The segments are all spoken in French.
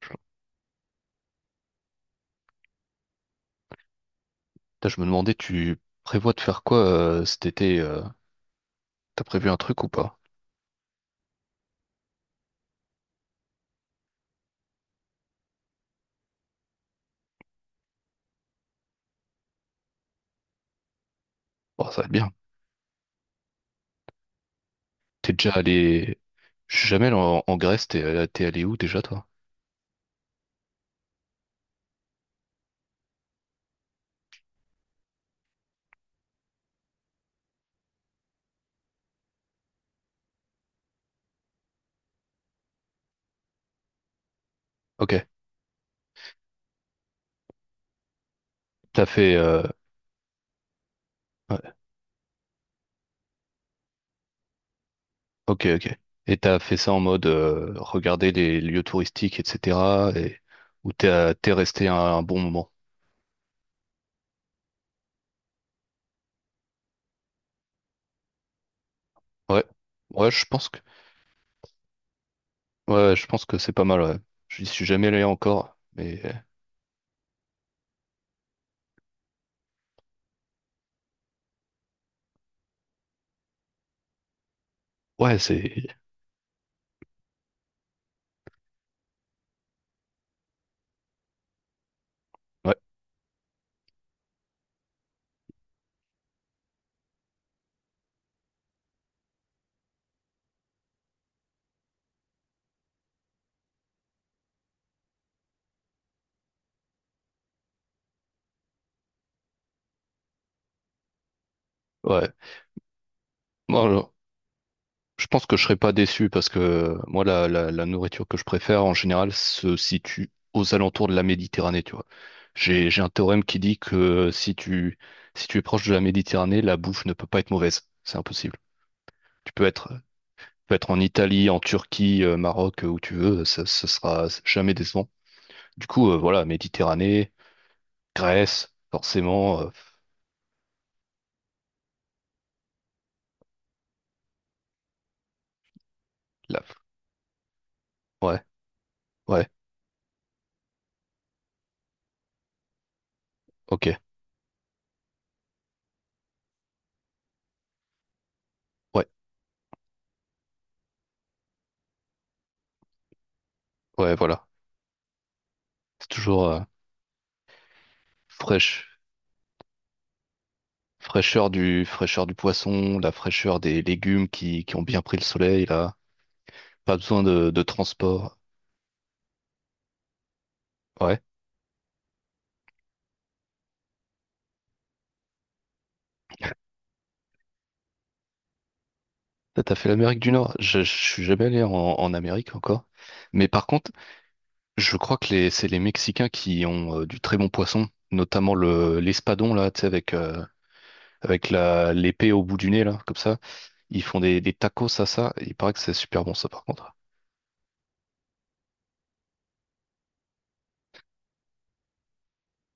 Putain, je me demandais, tu prévois de faire quoi cet été. T'as prévu un truc ou pas? Bon, ça va être bien. T'es déjà allé. Je suis jamais allé en Grèce, t'es allé où déjà toi? Ok. T'as fait... euh, ouais, ok, ok. Et t'as fait ça en mode, regarder les lieux touristiques, etc. Où t'es resté un bon moment? Ouais, ouais, je pense que. Ouais, je pense que c'est pas mal, ouais. Je suis jamais allé encore, mais. Ouais, c'est. Ouais, ouais. Bon, alors. Je pense que je serais pas déçu parce que moi, la nourriture que je préfère en général se situe aux alentours de la Méditerranée, tu vois. J'ai un théorème qui dit que, si tu es proche de la Méditerranée, la bouffe ne peut pas être mauvaise. C'est impossible. Tu peux être en Italie, en Turquie, Maroc, où tu veux, ça sera jamais décevant. Du coup, voilà, Méditerranée, Grèce, forcément, la, ouais, ouais, ok, ouais, ouais, voilà. C'est toujours, fraîche. Fraîcheur du poisson, la fraîcheur des légumes qui ont bien pris le soleil, là. Pas besoin de transport. Ouais. Toi, t'as fait l'Amérique du Nord. Je suis jamais allé en Amérique encore. Mais par contre, je crois que c'est les Mexicains qui ont, du très bon poisson, notamment l'espadon, là, tu sais, avec l'épée au bout du nez, là, comme ça. Ils font des tacos à ça. Il paraît que c'est super bon, ça, par contre.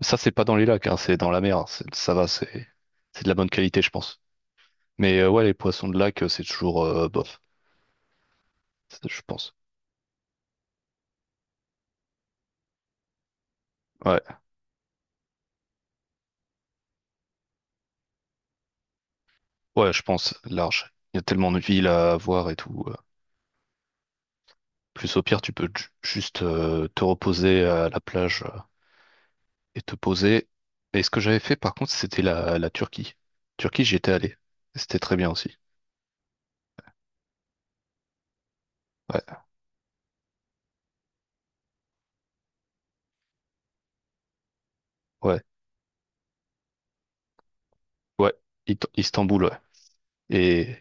Ça, c'est pas dans les lacs, hein, c'est dans la mer. Ça va, c'est de la bonne qualité, je pense. Mais ouais, les poissons de lac, c'est toujours, bof. Je pense. Ouais, ouais, je pense, large. Il y a tellement de villes à voir et tout. Plus au pire, tu peux juste te reposer à la plage, et te poser. Et ce que j'avais fait, par contre, c'était la Turquie. Turquie, j'y étais allé. C'était très bien aussi. Ouais, ouais, ouais. Istanbul, ouais. Et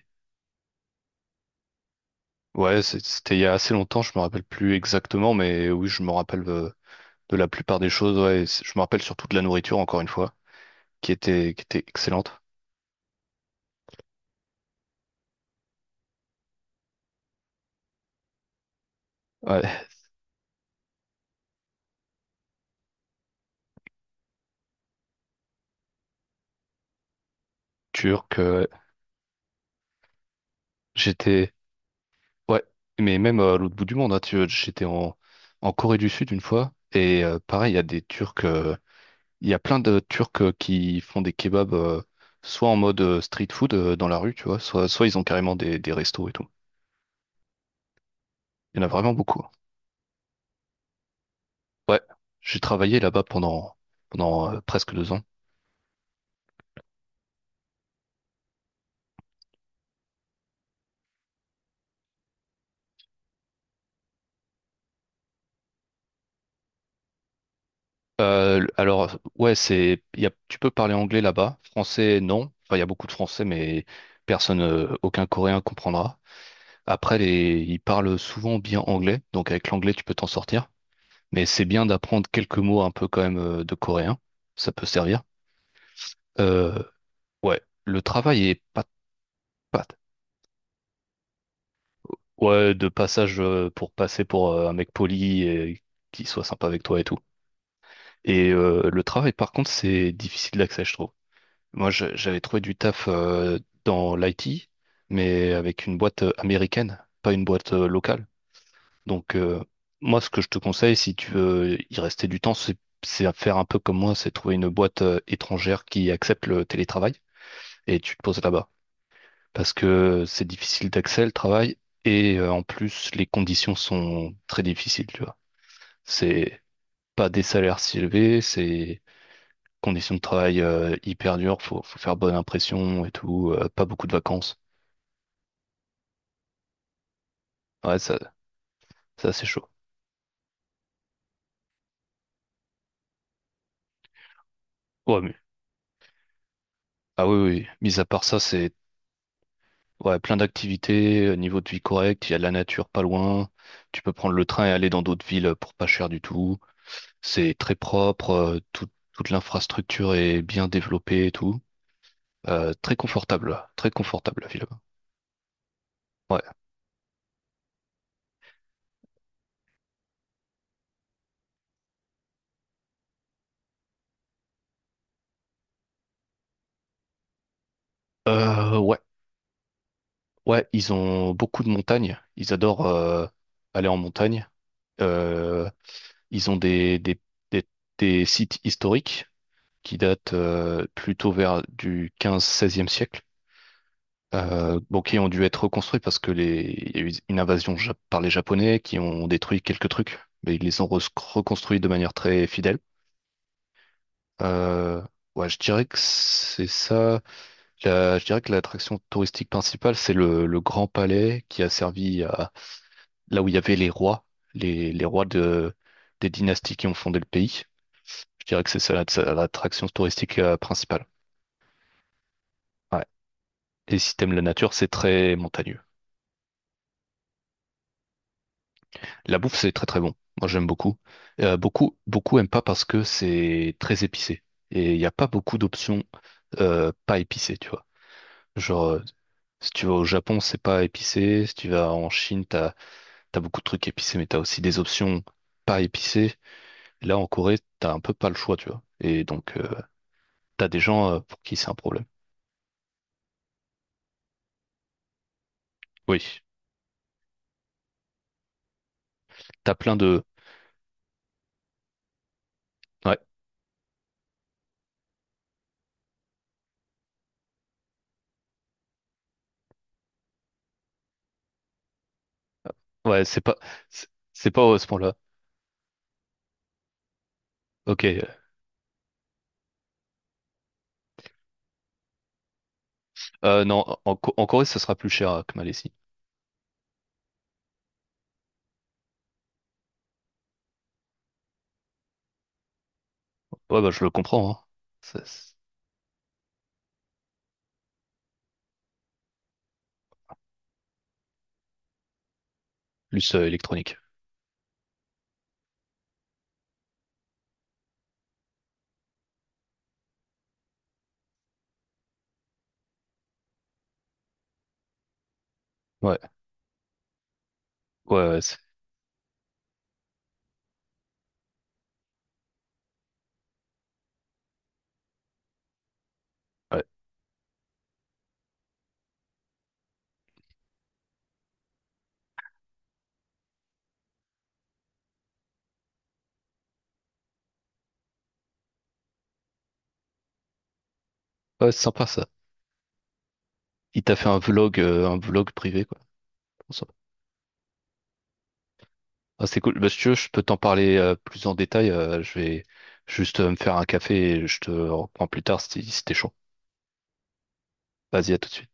ouais, c'était il y a assez longtemps, je me rappelle plus exactement, mais oui, je me rappelle, de la plupart des choses. Ouais. Et je me rappelle surtout de la nourriture, encore une fois, qui était excellente. Ouais, Turc, j'étais. Ouais, mais même, à l'autre bout du monde, hein, j'étais en Corée du Sud une fois, et, pareil, il y a plein de Turcs, qui font des kebabs, soit en mode, street food, dans la rue, tu vois, soit ils ont carrément des restos et tout. Il y en a vraiment beaucoup, hein. Ouais, j'ai travaillé là-bas pendant, presque deux ans. Alors, ouais, c'est, il y a, tu peux parler anglais là-bas. Français, non. Enfin, il y a beaucoup de français, mais personne, aucun Coréen comprendra. Après, ils parlent souvent bien anglais, donc avec l'anglais, tu peux t'en sortir. Mais c'est bien d'apprendre quelques mots un peu quand même, de coréen. Ça peut servir. Euh, ouais, le travail est pas, pas, ouais, de passage, pour passer pour, un mec poli et qui soit sympa avec toi et tout. Et le travail, par contre, c'est difficile d'accès, je trouve. Moi, j'avais trouvé du taf, dans l'IT, mais avec une boîte, américaine, pas une boîte, locale. Donc, moi, ce que je te conseille, si tu veux y rester du temps, c'est à faire un peu comme moi, c'est trouver une boîte, étrangère qui accepte le télétravail et tu te poses là-bas. Parce que c'est difficile d'accès, le travail, et, en plus, les conditions sont très difficiles, tu vois. C'est pas des salaires si élevés, c'est conditions de travail, hyper dures, faut faire bonne impression et tout, pas beaucoup de vacances. Ouais, ça c'est chaud. Ouais, mais. Ah oui, oui, mis à part ça, c'est ouais, plein d'activités, niveau de vie correct, il y a de la nature pas loin, tu peux prendre le train et aller dans d'autres villes pour pas cher du tout. C'est très propre, toute l'infrastructure est bien développée et tout. Très confortable, très confortable la ville. Ouais. Ouais, ouais, ils ont beaucoup de montagnes, ils adorent, aller en montagne. Euh, Ils ont des, des sites historiques qui datent, plutôt vers du quinze 16e e siècle, bon, qui ont dû être reconstruits parce que il y a eu une invasion, par les Japonais qui ont détruit quelques trucs, mais ils les ont reconstruits de manière très fidèle. Euh, ouais, je dirais que c'est ça. Je dirais que l'attraction touristique principale, c'est le Grand Palais qui a servi à là où il y avait les rois, les rois des dynasties qui ont fondé le pays. Je dirais que c'est ça la l'attraction touristique, principale. Ouais. Et si t'aimes la nature, c'est très montagneux. La bouffe, c'est très très bon. Moi, j'aime beaucoup. Beaucoup, beaucoup aiment pas parce que c'est très épicé. Et il n'y a pas beaucoup d'options, pas épicées, tu vois. Genre, si tu vas au Japon, c'est pas épicé. Si tu vas en Chine, t'as beaucoup de trucs épicés, mais t'as aussi des options pas épicées. Là, en Corée, t'as un peu pas le choix, tu vois. Et donc, t'as des gens, pour qui c'est un problème. Oui. T'as plein de. Ouais. Ouais, c'est pas, c'est c'est pas à ce point-là. Ok. Non, en Corée, ça sera plus cher, que Malaisie. Ouais, bah, je le comprends, hein. Ça, c'est plus, électronique. Ouais, ouais, ouais, c'est ouais. Ouais, c'est sympa ça. Il t'a fait un vlog privé, quoi. Trop sympa. Ah, c'est cool. Bah, si tu veux, je peux t'en parler, plus en détail. Je vais juste, me faire un café et je te reprends plus tard, si t'es chaud. Vas-y, à tout de suite.